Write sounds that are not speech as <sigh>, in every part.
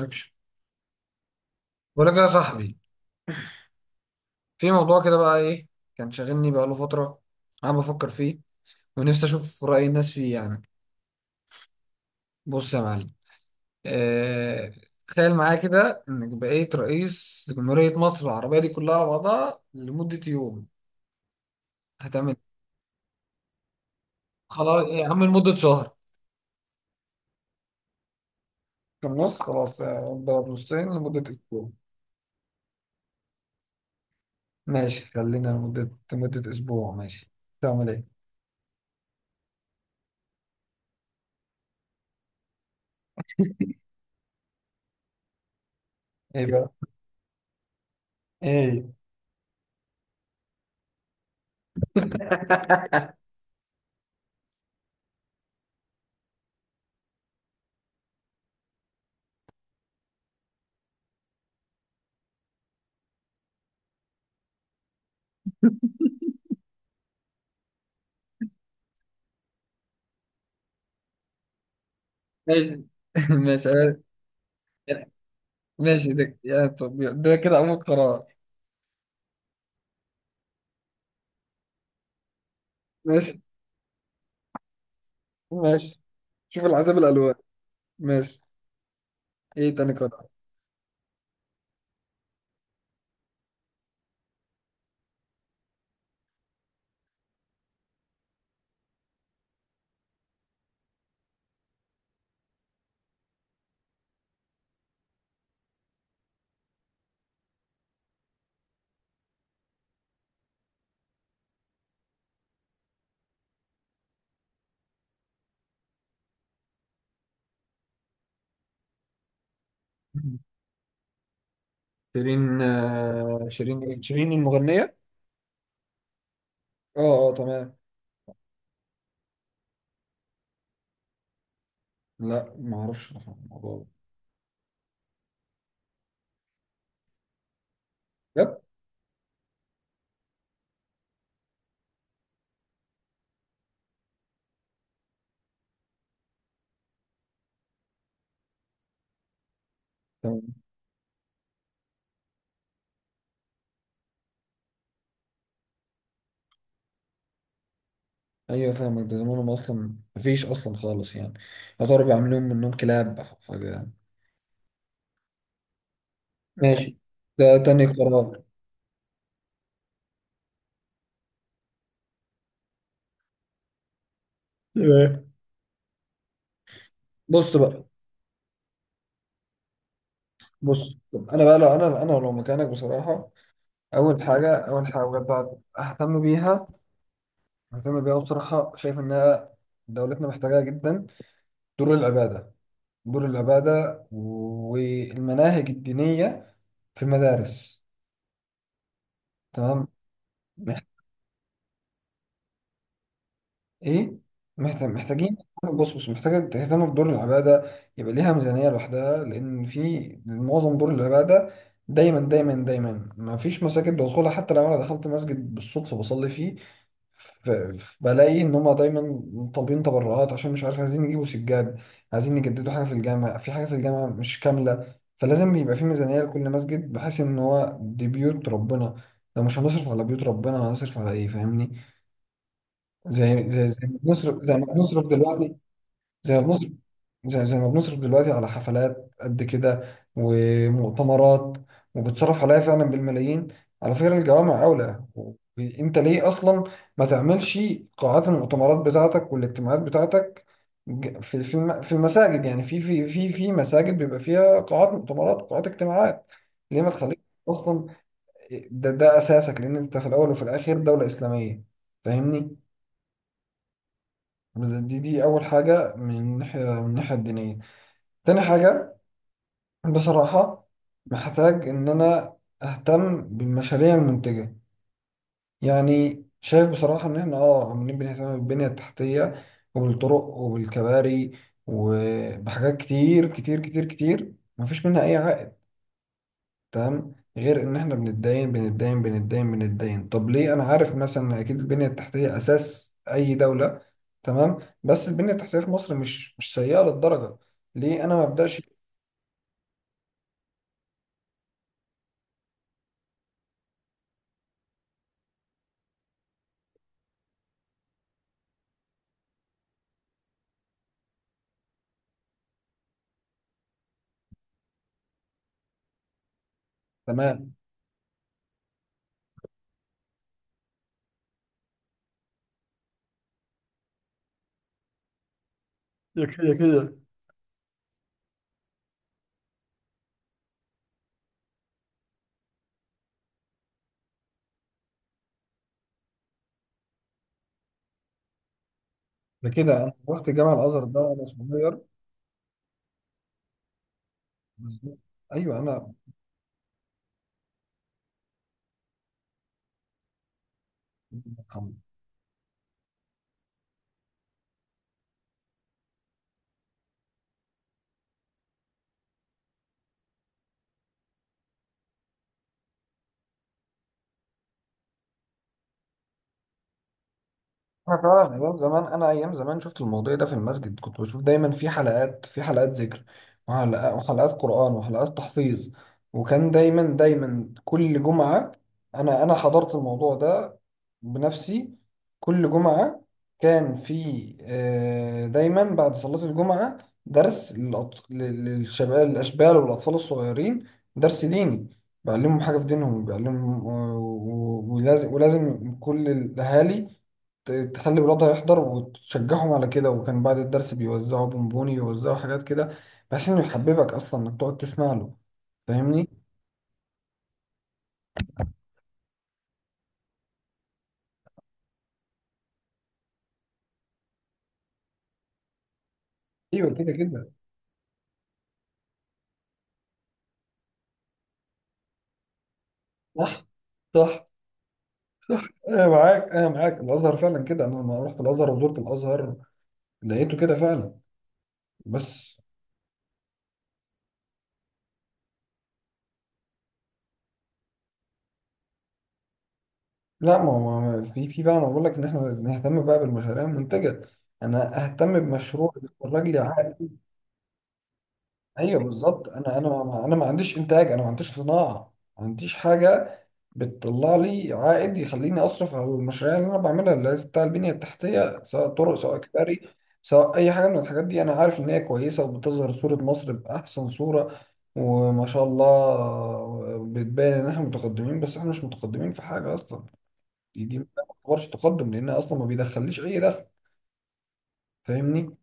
اكشن. بقول لك يا صاحبي، في موضوع كده بقى، ايه كان شاغلني بقى له فتره، انا بفكر فيه ونفسي اشوف راي الناس فيه يعني. بص يا معلم، آه... تخيل معايا كده انك بقيت رئيس لجمهوريه مصر العربيه دي كلها على بعضها لمده يوم، هتعمل إيه؟ خلاص إيه يا عم، لمده شهر. في النص خلاص، اضرب نصين لمده اسبوع. ماشي، خلينا لمده اسبوع، ماشي. تعمل ايه؟ ايه بقى؟ ايه؟ <laughs> ماشي. <laughs> ماشي، ماشي ده، يا طب ده كده أول قرار. ماشي، ماشي. شوف العذاب الألوان. ماشي. إيه تاني قرار؟ شيرين، آه، شيرين إيه؟ شيرين المغنية؟ اه. اه تمام. لا، ما اعرفش الموضوع ده. بجد؟ تمام. ايوه، فاهمك، ده زمانهم اصلا مفيش اصلا خالص يعني. يا ترى بيعملوا منهم كلاب أو حاجه يعني. ماشي، ده تاني قرار. تمام. بص بقى. بص، طب انا بقى لو انا لو مكانك بصراحه، اول حاجه، اول حاجه بجد ههتم بيها، مهتم بيها بصراحة، شايف إنها دولتنا محتاجاها جدا، دور العبادة، دور العبادة والمناهج الدينية في المدارس. تمام. مح... إيه؟ محتاجين. بص بص، محتاجة تهتم بدور العبادة، يبقى ليها ميزانية لوحدها، لأن في معظم دور العبادة دايما دايما ما فيش مساجد بدخلها. حتى لو أنا دخلت مسجد بالصدفة بصلي فيه، ف- بلاقي ان هم دايما طالبين تبرعات، عشان مش عارف، عايزين يجيبوا سجاد، عايزين يجددوا حاجه في الجامع، في حاجه في الجامع مش كامله. فلازم يبقى في ميزانيه لكل مسجد، بحيث ان هو دي بيوت ربنا. لو مش هنصرف على بيوت ربنا هنصرف على ايه؟ فاهمني؟ زي زي ما بنصرف، زي ما بنصرف دلوقتي زي ما بنصرف زي ما بنصرف دلوقتي على حفلات قد كده ومؤتمرات، وبتصرف عليها فعلا بالملايين. على فكرة الجوامع أولى. انت ليه أصلا ما تعملش قاعات المؤتمرات بتاعتك والاجتماعات بتاعتك، في المساجد؟ يعني في مساجد بيبقى فيها قاعات مؤتمرات وقاعات اجتماعات. ليه ما تخليك أصلا، ده ده أساسك، لأن أنت في الأول وفي الآخر دولة إسلامية. فاهمني؟ دي أول حاجة من الناحية من الناحية الدينية. تاني حاجة بصراحة، محتاج إن أنا أهتم بالمشاريع المنتجة. يعني شايف بصراحة إن إحنا آه عمالين بنهتم بالبنية التحتية وبالطرق وبالكباري وبحاجات كتير، مفيش منها أي عائد. تمام؟ غير إن إحنا بنتداين. طب ليه؟ أنا عارف مثلا إن أكيد البنية التحتية أساس أي دولة، تمام، بس البنية التحتية في مصر مش سيئة للدرجة، ليه أنا ما أبدأش؟ تمام. يا كده. ده كده انا رحت جامع الازهر ده وانا صغير. بالظبط. ايوه انا. انا فعلا ايام زمان، شفت الموضوع ده في المسجد، كنت بشوف دايما في حلقات ذكر، وحلقات قرآن، وحلقات تحفيظ. وكان دايما كل جمعة. انا حضرت الموضوع ده بنفسي. كل جمعة كان في، آه، دايما بعد صلاة الجمعة، درس للشباب الاشبال والاطفال الصغيرين، درس ديني بيعلمهم حاجة في دينهم، بيعلمهم، آه، ولازم كل الاهالي تخلي ولادها يحضر وتشجعهم على كده. وكان بعد الدرس بيوزعوا بونبوني، بيوزعوا حاجات كده بحيث انه يحببك اصلا انك تقعد تسمع له، فاهمني؟ ايوه كده، كده صح، صح. انا معاك، انا معاك. الازهر فعلا كده، انا لما رحت الازهر وزرت الازهر لقيته كده فعلا. بس، لا ما هو في بقى، انا بقول لك ان احنا نهتم بقى بالمشاريع المنتجه. انا اهتم بمشروع يخرج لي عائد. ايوه بالظبط، انا انا ما عنديش انتاج، انا ما عنديش صناعه، ما عنديش حاجه بتطلع لي عائد يخليني اصرف على المشاريع اللي انا بعملها، اللي هي بتاع البنيه التحتيه، سواء طرق، سواء كباري، سواء اي حاجه من الحاجات دي. انا عارف ان هي كويسه وبتظهر صوره مصر باحسن صوره، وما شاء الله بتبان ان احنا متقدمين، بس احنا مش متقدمين في حاجه اصلا. دي ما تعتبرش تقدم لانها اصلا ما بيدخليش اي دخل، فاهمني؟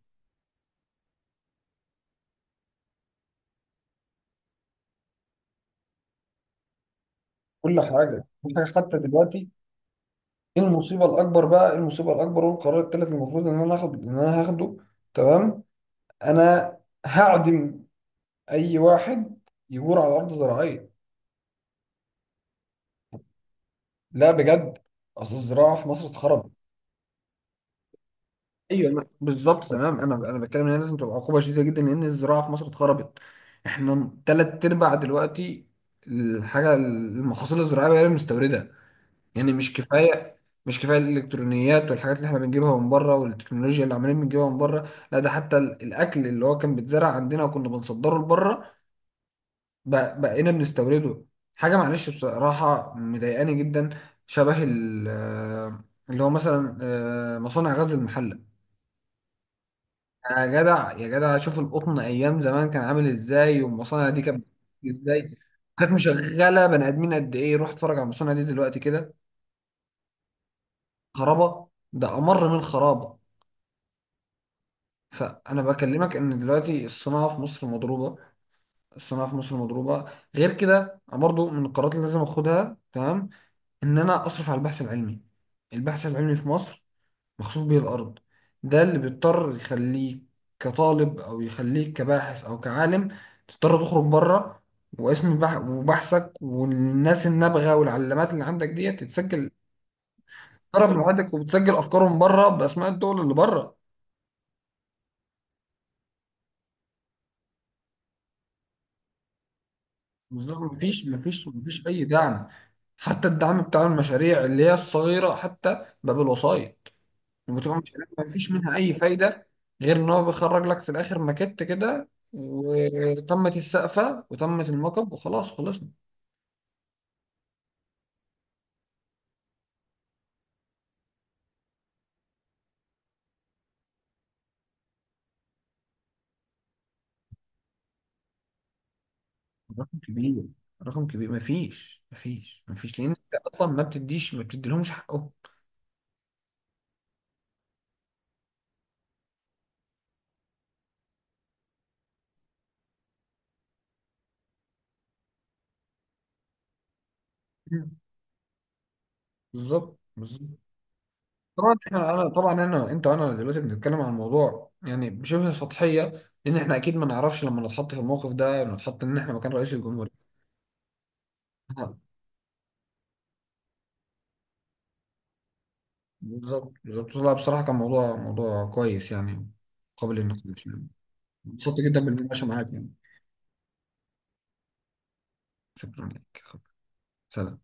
كل حاجه، كل حاجه حتى دلوقتي. ايه المصيبه الاكبر بقى، إيه المصيبه الاكبر والقرار الثالث المفروض ان انا هاخد ان انا هاخده. تمام؟ انا هعدم اي واحد يجور على ارض زراعيه. لا بجد، اصل الزراعه في مصر اتخربت. ايوه بالظبط تمام. انا بتكلم ان هي لازم تبقى عقوبه شديده جدا، لان الزراعه في مصر اتخربت. احنا تلات ارباع دلوقتي الحاجه، المحاصيل الزراعيه هي اللي مستورده. يعني مش كفايه، مش كفايه الالكترونيات والحاجات اللي احنا بنجيبها من بره والتكنولوجيا اللي عمالين بنجيبها من بره. لا ده حتى الاكل اللي هو كان بيتزرع عندنا وكنا بنصدره لبره، بقينا بنستورده. حاجه معلش بصراحه مضايقاني جدا، شبه اللي هو مثلا، آه، مصانع غزل المحله. يا جدع، يا جدع شوف القطن ايام زمان كان عامل ازاي، والمصانع دي كانت بتمشي ازاي، كانت مشغله بني ادمين قد ايه. روح اتفرج على المصانع دي دلوقتي كده، خرابه، ده امر من خرابه. فانا بكلمك ان دلوقتي الصناعه في مصر مضروبه، الصناعه في مصر مضروبه. غير كده أنا برضو من القرارات اللي لازم اخدها، تمام، ان انا اصرف على البحث العلمي. البحث العلمي في مصر مخسوف به الارض. ده اللي بيضطر يخليك كطالب، او يخليك كباحث او كعالم، تضطر تخرج بره. واسم وبحثك والناس النابغه والعلامات اللي عندك ديت تتسجل، تضرب لوحدك، وبتسجل افكارهم بره باسماء الدول اللي بره. بالظبط، مفيش أي دعم. حتى الدعم بتاع المشاريع اللي هي الصغيرة حتى بقى بالوسايط، بتبقى مشاريع مفيش منها أي فايدة، غير إن هو بيخرج لك في الآخر ماكيت كده، وتمت السقفة وتمت الموكب وخلاص خلصنا. رقم كبير، رقم كبير. مفيش، لأن أنت أصلا ما بتديش، ما بتديلهمش حقهم. مم. بالظبط، بالظبط. طبعا احنا، انا طبعا انا انت وانا دلوقتي بنتكلم عن الموضوع يعني بشبه سطحيه، لان احنا اكيد ما نعرفش لما نتحط في الموقف ده، نتحط ان احنا مكان رئيس الجمهوريه. آه، بالظبط، بالظبط. لا بصراحه كان موضوع كويس يعني، قابل للنقاش يعني. انبسطت جدا بالمناقشه معاك يعني. شكرا لك. سلام.